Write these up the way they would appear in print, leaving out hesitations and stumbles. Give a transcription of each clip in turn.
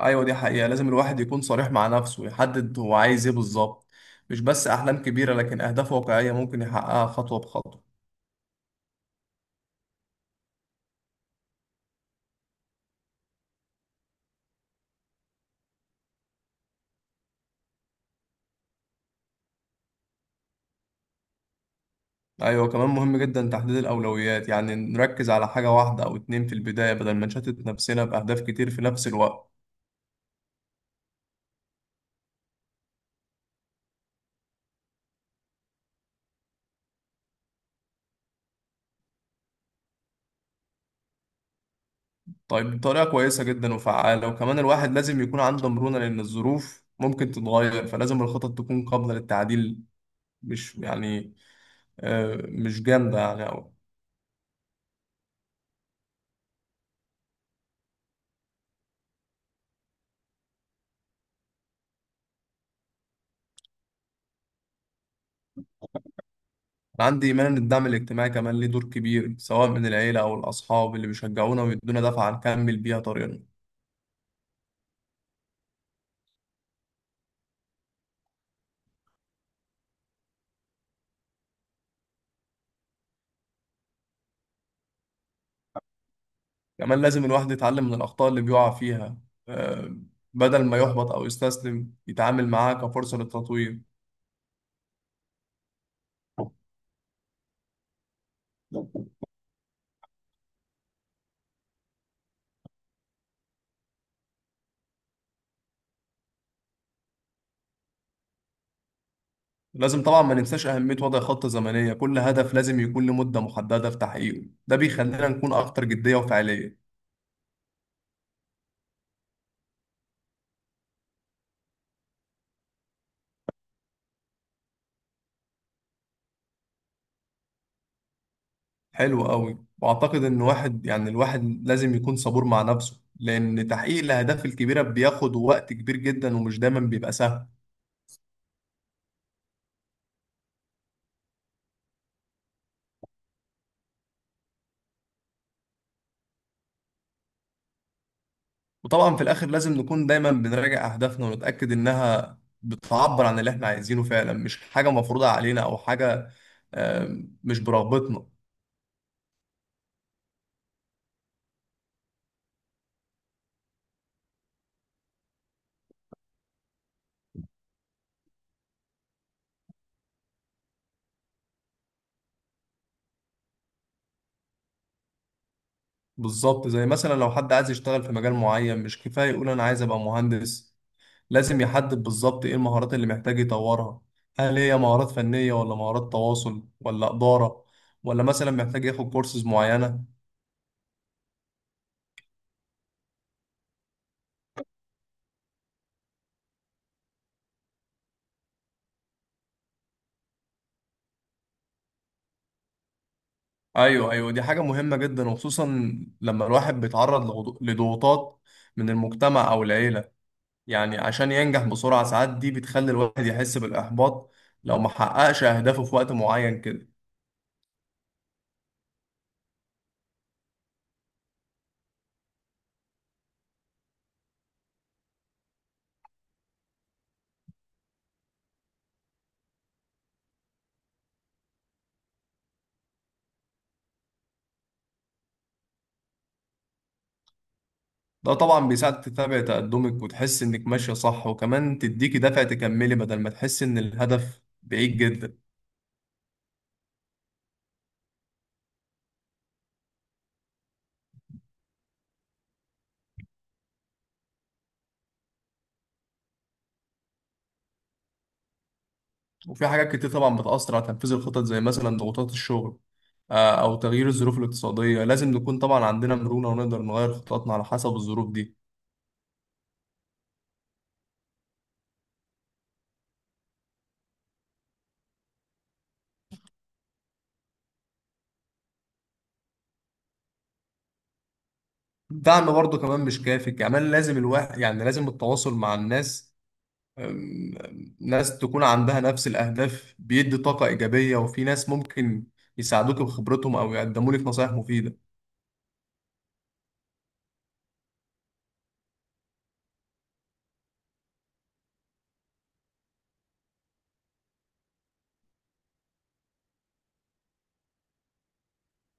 ايوه، دي حقيقة. لازم الواحد يكون صريح مع نفسه ويحدد هو عايز ايه بالظبط. مش بس احلام كبيرة لكن اهداف واقعية ممكن يحققها خطوة بخطوة. ايوه، كمان مهم جدا تحديد الاولويات، يعني نركز على حاجة واحدة او اتنين في البداية بدل ما نشتت نفسنا باهداف كتير في نفس الوقت. طيب، دي طريقة كويسة جدا وفعالة، وكمان الواحد لازم يكون عنده مرونة لان الظروف ممكن تتغير، فلازم الخطط تكون قابلة للتعديل. مش يعني مش جامدة يعني أوي. أنا عندي إيمان إن الدعم الاجتماعي كمان ليه دور كبير، سواء من العيلة أو الأصحاب اللي بيشجعونا ويدونا دفعة نكمل بيها طريقنا. كمان لازم الواحد يتعلم من الأخطاء اللي بيقع فيها آه، بدل ما يحبط أو يستسلم يتعامل معاها كفرصة للتطوير. لازم طبعا ما ننساش أهمية وضع خطة زمنية، كل هدف لازم يكون لمدة محددة في تحقيقه، ده بيخلينا نكون أكتر جدية وفعالية. حلو قوي، وأعتقد إن واحد يعني الواحد لازم يكون صبور مع نفسه، لأن تحقيق الأهداف الكبيرة بياخد وقت كبير جدا ومش دايما بيبقى سهل. وطبعا في الاخر لازم نكون دايما بنراجع اهدافنا ونتاكد انها بتعبر عن اللي احنا عايزينه فعلا، مش حاجه مفروضه علينا او حاجه مش برغبتنا. بالظبط، زي مثلا لو حد عايز يشتغل في مجال معين، مش كفايه يقول انا عايز ابقى مهندس. لازم يحدد بالظبط ايه المهارات اللي محتاج يطورها. هل هي مهارات فنيه ولا مهارات تواصل ولا اداره، ولا مثلا محتاج ياخد كورسز معينه. ايوه ايوه، دي حاجه مهمه جدا، وخصوصا لما الواحد بيتعرض لضغوطات من المجتمع او العيله، يعني عشان ينجح بسرعة. ساعات دي بتخلي الواحد يحس بالإحباط لو ما حققش أهدافه في وقت معين كده. ده طبعا بيساعد تتابع تقدمك وتحس إنك ماشية صح، وكمان تديكي دافع تكملي بدل ما تحس إن الهدف بعيد جدا. وفي حاجات كتير طبعا بتأثر على تنفيذ الخطط، زي مثلا ضغوطات الشغل، أو تغيير الظروف الاقتصادية. لازم نكون طبعا عندنا مرونة ونقدر نغير خططنا على حسب الظروف دي. الدعم برضه كمان مش كافي، كمان لازم الواحد لازم التواصل مع الناس، ناس تكون عندها نفس الأهداف بيدي طاقة إيجابية، وفي ناس ممكن يساعدوك بخبرتهم أو يقدموا لك نصايح مفيدة.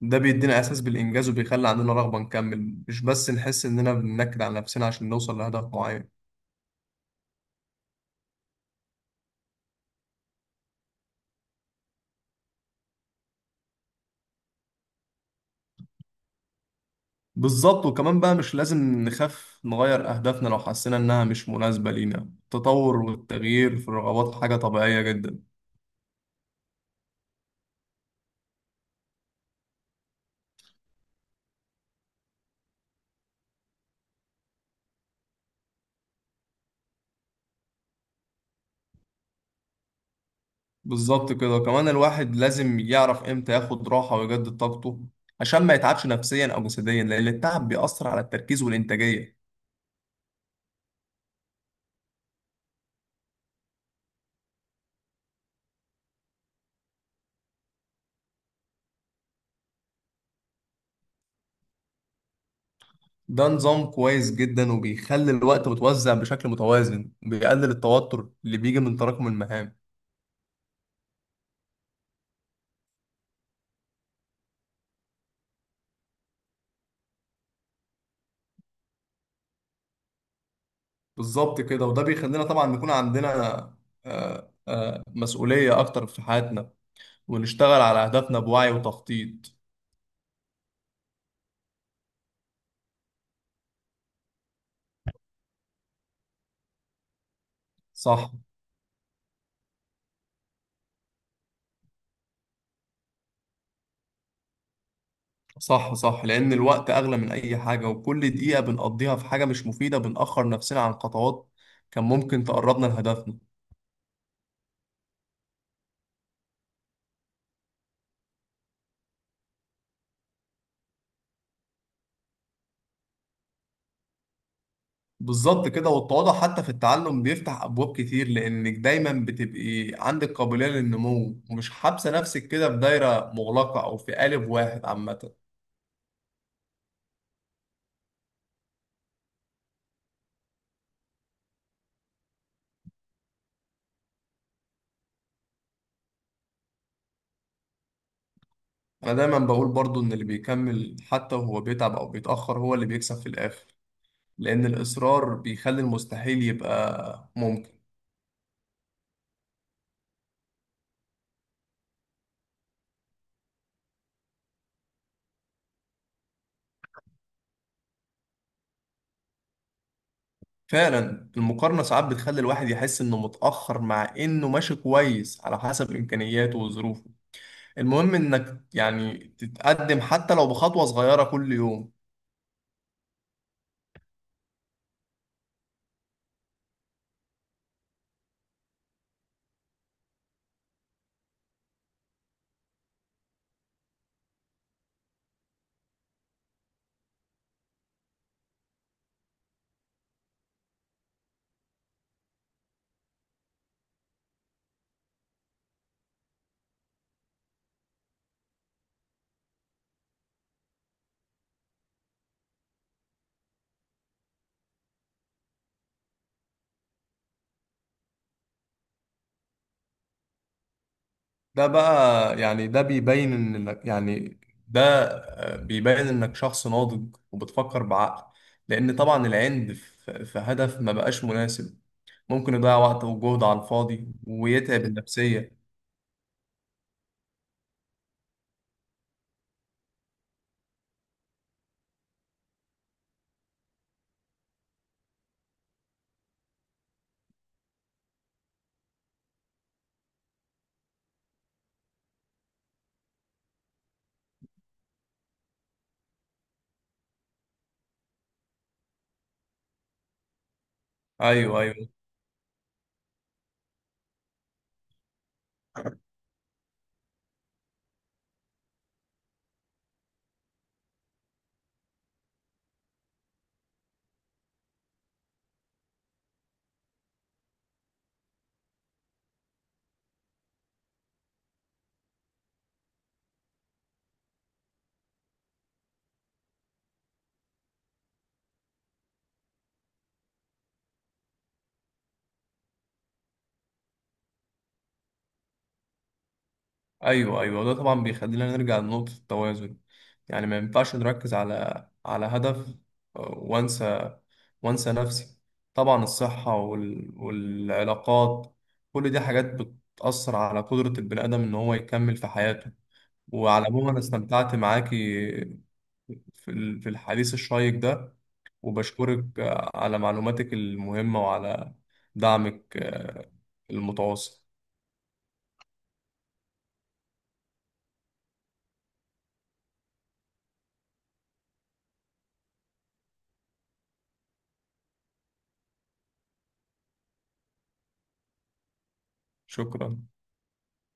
ده بيدينا إحساس بالإنجاز وبيخلي عندنا رغبة نكمل، مش بس نحس إننا بننكد على نفسنا عشان نوصل لهدف معين. بالظبط، وكمان بقى مش لازم نخاف نغير أهدافنا لو حسينا إنها مش مناسبة لينا. التطور والتغيير في الرغبات حاجة طبيعية جدا. بالظبط كده، كمان الواحد لازم يعرف امتى ياخد راحة ويجدد طاقته عشان ما يتعبش نفسيا أو جسديا، لأن التعب بيأثر على التركيز والإنتاجية. ده نظام كويس جدا وبيخلي الوقت متوزع بشكل متوازن وبيقلل التوتر اللي بيجي من تراكم المهام. بالظبط كده، وده بيخلينا طبعا نكون عندنا مسؤولية أكتر في حياتنا، ونشتغل على أهدافنا بوعي وتخطيط. صح. صح، لأن الوقت أغلى من أي حاجة، وكل دقيقة بنقضيها في حاجة مش مفيدة بنأخر نفسنا عن خطوات كان ممكن تقربنا لهدفنا. بالظبط كده، والتواضع حتى في التعلم بيفتح أبواب كتير، لأنك دايما بتبقي عندك قابلية للنمو ومش حابسة نفسك كده في دايرة مغلقة أو في قالب واحد عامة. أنا دايما بقول برضو إن اللي بيكمل حتى وهو بيتعب أو بيتأخر هو اللي بيكسب في الآخر، لأن الإصرار بيخلي المستحيل يبقى ممكن. فعلا، المقارنة ساعات بتخلي الواحد يحس إنه متأخر مع إنه ماشي كويس على حسب إمكانياته وظروفه. المهم إنك تتقدم حتى لو بخطوة صغيرة كل يوم. ده بيبين إنك يعني ده آه، بيبين إنك شخص ناضج وبتفكر بعقل، لأن طبعا العند في هدف ما بقاش مناسب ممكن يضيع وقت وجهد على الفاضي ويتعب النفسية. أيوه أيوه، ايوه ايوه، ده طبعا بيخلينا نرجع لنقطة التوازن. يعني ما ينفعش نركز على هدف آه، وانسى وانسى نفسي. طبعا الصحة والعلاقات، كل دي حاجات بتأثر على قدرة البني آدم ان هو يكمل في حياته. وعلى العموم، انا استمتعت معاكي في في الحديث الشيق ده، وبشكرك على معلوماتك المهمة وعلى دعمك المتواصل. شكرا.